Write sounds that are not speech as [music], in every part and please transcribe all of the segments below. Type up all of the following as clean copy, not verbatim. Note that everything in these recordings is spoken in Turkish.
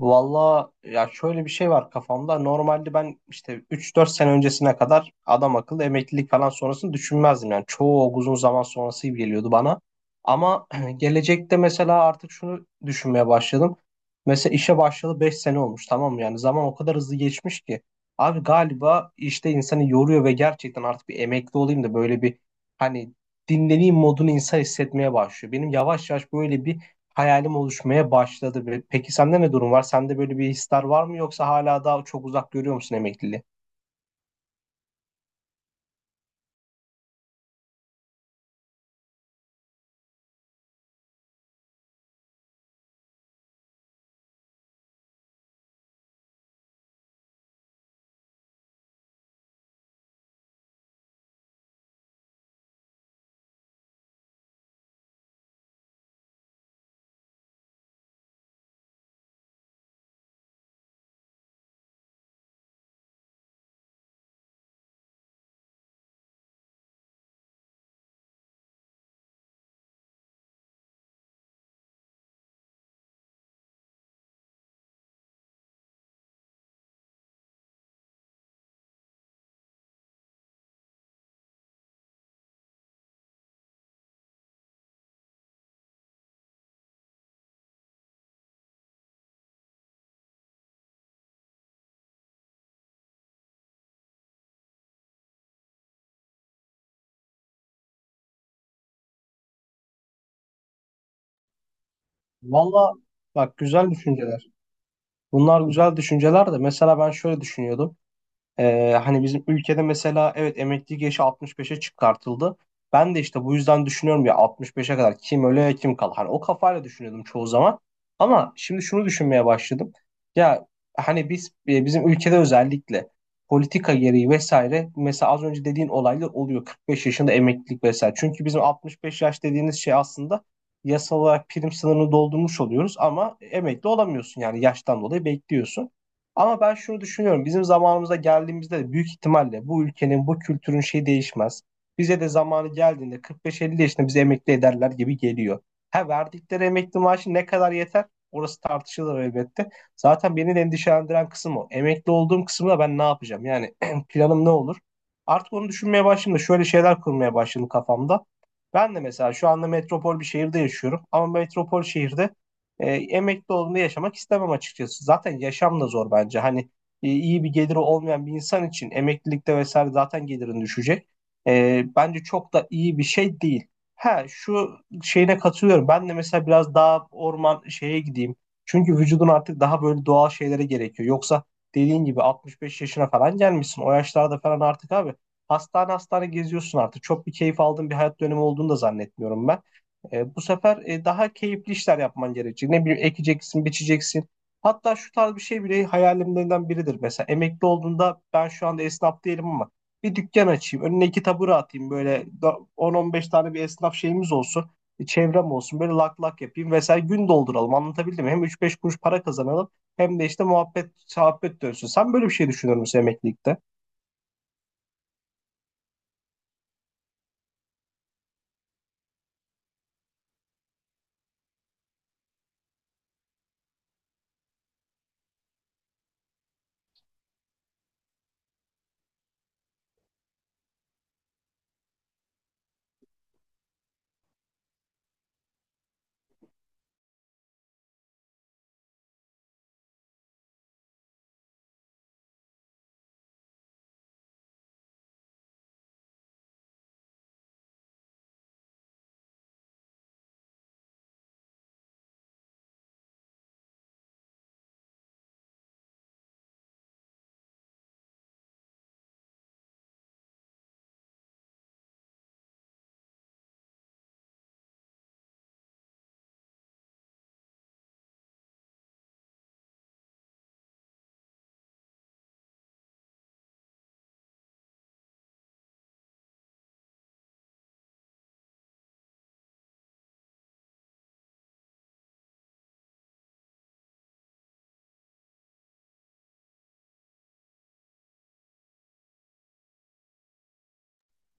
Valla ya şöyle bir şey var kafamda. Normalde ben işte üç dört sene öncesine kadar adam akıllı emeklilik falan sonrasını düşünmezdim. Yani çoğu uzun zaman sonrası gibi geliyordu bana. Ama [clears throat] gelecekte mesela artık şunu düşünmeye başladım. Mesela işe başladı 5 sene olmuş, tamam mı? Yani zaman o kadar hızlı geçmiş ki. Abi galiba işte insanı yoruyor ve gerçekten artık bir emekli olayım da böyle bir hani dinleneyim modunu insan hissetmeye başlıyor. Benim yavaş yavaş böyle bir hayalim oluşmaya başladı. Ve peki sende ne durum var? Sende böyle bir hisler var mı, yoksa hala daha çok uzak görüyor musun emekliliği? Valla bak, güzel düşünceler. Bunlar güzel düşünceler de mesela ben şöyle düşünüyordum. Hani bizim ülkede mesela evet, emeklilik yaşı 65'e çıkartıldı. Ben de işte bu yüzden düşünüyorum ya, 65'e kadar kim öle kim kal. Hani o kafayla düşünüyordum çoğu zaman. Ama şimdi şunu düşünmeye başladım. Ya hani biz bizim ülkede özellikle politika gereği vesaire, mesela az önce dediğin olaylar oluyor, 45 yaşında emeklilik vesaire. Çünkü bizim 65 yaş dediğiniz şey aslında yasal olarak prim sınırını doldurmuş oluyoruz, ama emekli olamıyorsun, yani yaştan dolayı bekliyorsun. Ama ben şunu düşünüyorum. Bizim zamanımıza geldiğimizde de büyük ihtimalle bu ülkenin, bu kültürün şeyi değişmez. Bize de zamanı geldiğinde 45-50 yaşında bizi emekli ederler gibi geliyor. Ha, verdikleri emekli maaşı ne kadar yeter? Orası tartışılır elbette. Zaten beni de endişelendiren kısım o. Emekli olduğum kısımda ben ne yapacağım? Yani [clears throat] planım ne olur? Artık onu düşünmeye başladım da şöyle şeyler kurmaya başladım kafamda. Ben de mesela şu anda metropol bir şehirde yaşıyorum. Ama metropol şehirde emekli olduğunda yaşamak istemem açıkçası. Zaten yaşam da zor bence. Hani iyi bir geliri olmayan bir insan için emeklilikte vesaire zaten gelirin düşecek. Bence çok da iyi bir şey değil. Ha, şu şeyine katılıyorum. Ben de mesela biraz daha orman şeye gideyim. Çünkü vücudun artık daha böyle doğal şeylere gerekiyor. Yoksa dediğin gibi 65 yaşına falan gelmişsin. O yaşlarda falan artık abi, hastane hastane geziyorsun artık. Çok bir keyif aldığın bir hayat dönemi olduğunu da zannetmiyorum ben. Bu sefer daha keyifli işler yapman gerekecek. Ne bileyim, ekeceksin, biçeceksin. Hatta şu tarz bir şey bile hayalimlerinden biridir. Mesela emekli olduğunda, ben şu anda esnaf değilim ama bir dükkan açayım. Önüne iki tabure atayım. Böyle 10-15 tane bir esnaf şeyimiz olsun. Bir çevrem olsun. Böyle lak lak yapayım. Mesela gün dolduralım. Anlatabildim mi? Hem 3-5 kuruş para kazanalım, hem de işte muhabbet, sohbet dönsün. Sen böyle bir şey düşünür müsün emeklilikte?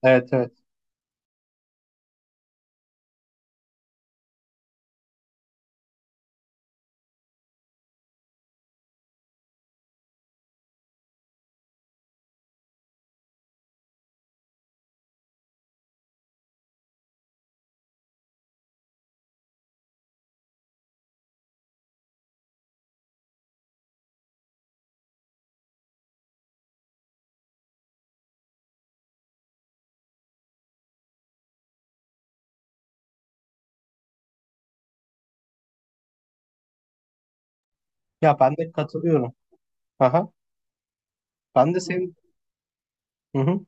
Evet, evet. Ya ben de katılıyorum. Aha. Ben de senin. Hı hı.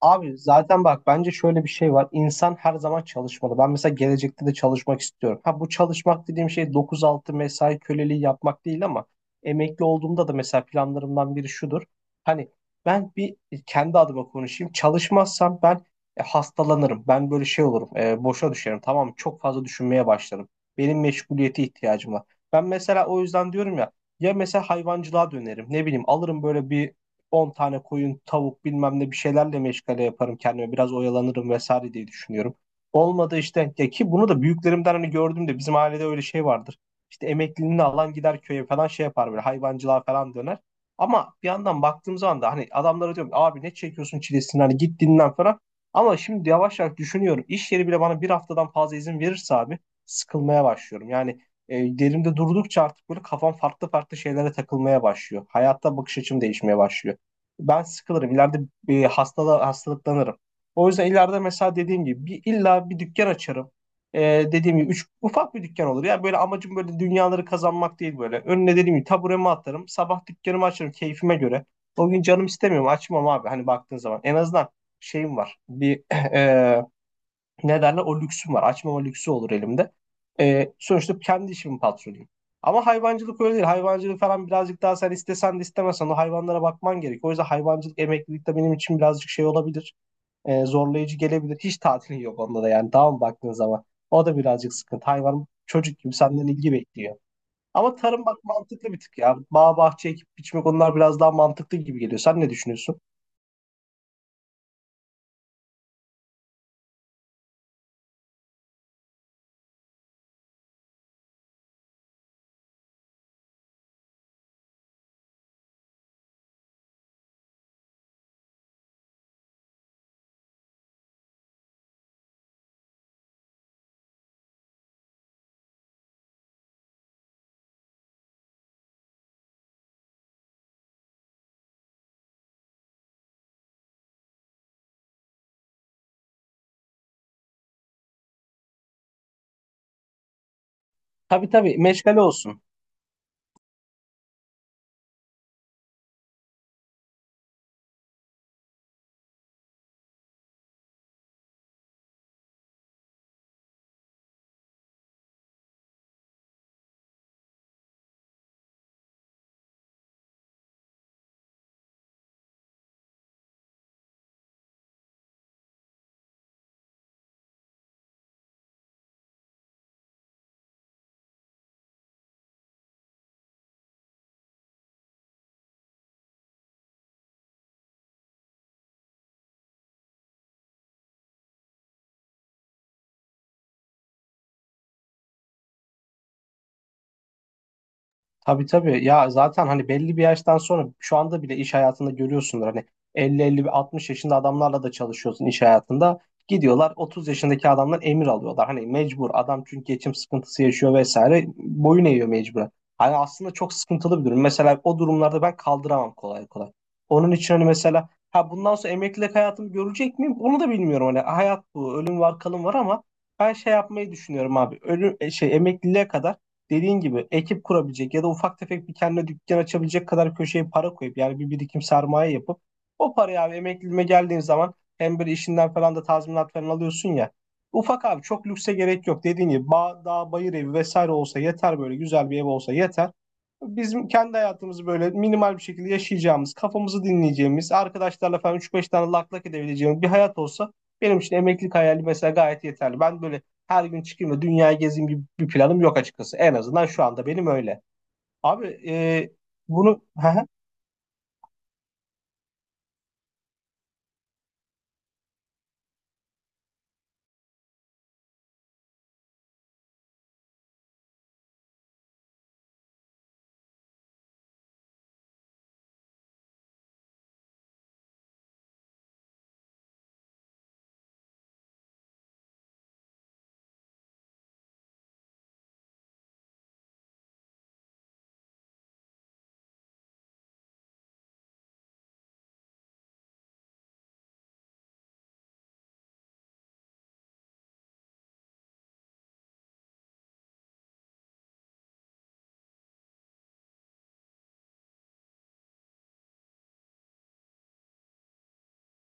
Abi zaten bak, bence şöyle bir şey var. İnsan her zaman çalışmalı. Ben mesela gelecekte de çalışmak istiyorum. Ha, bu çalışmak dediğim şey 9-6 mesai köleliği yapmak değil, ama emekli olduğumda da mesela planlarımdan biri şudur. Hani ben bir kendi adıma konuşayım. Çalışmazsam ben hastalanırım. Ben böyle şey olurum. Boşa düşerim. Tamam mı? Çok fazla düşünmeye başlarım. Benim meşguliyete ihtiyacım var. Ben mesela o yüzden diyorum ya, ya mesela hayvancılığa dönerim. Ne bileyim, alırım böyle bir 10 tane koyun, tavuk bilmem ne, bir şeylerle meşgale yaparım kendime. Biraz oyalanırım vesaire diye düşünüyorum. Olmadı işte, ya ki bunu da büyüklerimden hani gördüm de bizim ailede öyle şey vardır. İşte emekliliğini alan gider köye falan, şey yapar böyle hayvancılığa falan döner. Ama bir yandan baktığım zaman da hani adamlara diyorum abi, ne çekiyorsun çilesini, hani git dinlen falan. Ama şimdi yavaş yavaş düşünüyorum. İş yeri bile bana bir haftadan fazla izin verirse abi, sıkılmaya başlıyorum. Yani derimde durdukça artık böyle kafam farklı farklı şeylere takılmaya başlıyor. Hayatta bakış açım değişmeye başlıyor, ben sıkılırım. İleride bir hastalıklanırım. O yüzden ileride mesela dediğim gibi illa bir dükkan açarım. Ee, Dediğim gibi ufak bir dükkan olur. Ya böyle amacım böyle dünyaları kazanmak değil böyle. Önüne dediğim gibi taburemi atarım. Sabah dükkanımı açarım keyfime göre. O gün canım istemiyorum, açmam abi. Hani baktığın zaman en azından şeyim var. Bir [clears throat] ne derler, o lüksüm var. Açmama lüksü olur elimde. Sonuçta kendi işimin patronuyum. Ama hayvancılık öyle değil. Hayvancılık falan birazcık daha, sen istesen de istemesen o hayvanlara bakman gerek. O yüzden hayvancılık emeklilik de benim için birazcık şey olabilir. Zorlayıcı gelebilir. Hiç tatilin yok onda da yani, daha mı baktığın zaman. O da birazcık sıkıntı. Hayvan çocuk gibi senden ilgi bekliyor. Ama tarım bak, mantıklı bir tık ya. Bağ bahçe ekip biçmek, onlar biraz daha mantıklı gibi geliyor. Sen ne düşünüyorsun? Tabii, tabii, meşgale olsun. Tabii, tabii ya, zaten hani belli bir yaştan sonra şu anda bile iş hayatında görüyorsundur hani, 50-50-60 yaşında adamlarla da çalışıyorsun iş hayatında, gidiyorlar 30 yaşındaki adamdan emir alıyorlar, hani mecbur adam çünkü geçim sıkıntısı yaşıyor vesaire, boyun eğiyor mecburen. Hani aslında çok sıkıntılı bir durum, mesela o durumlarda ben kaldıramam kolay kolay. Onun için hani mesela, ha bundan sonra emeklilik hayatımı görecek miyim, onu da bilmiyorum, hani hayat bu, ölüm var, kalım var, ama ben şey yapmayı düşünüyorum abi, ölüm şey, emekliliğe kadar dediğin gibi ekip kurabilecek ya da ufak tefek bir kendine dükkan açabilecek kadar köşeye para koyup, yani bir birikim, sermaye yapıp, o parayı abi, emekliliğime geldiğin zaman hem böyle işinden falan da tazminat falan alıyorsun ya. Ufak abi, çok lükse gerek yok. Dediğin gibi bağ, dağ, bayır evi vesaire olsa yeter, böyle güzel bir ev olsa yeter. Bizim kendi hayatımızı böyle minimal bir şekilde yaşayacağımız, kafamızı dinleyeceğimiz, arkadaşlarla falan üç beş tane lak lak edebileceğimiz bir hayat olsa, benim için emeklilik hayali mesela gayet yeterli. Ben böyle her gün çıkayım da dünyayı gezeyim gibi bir planım yok açıkçası. En azından şu anda benim öyle. Abi bunu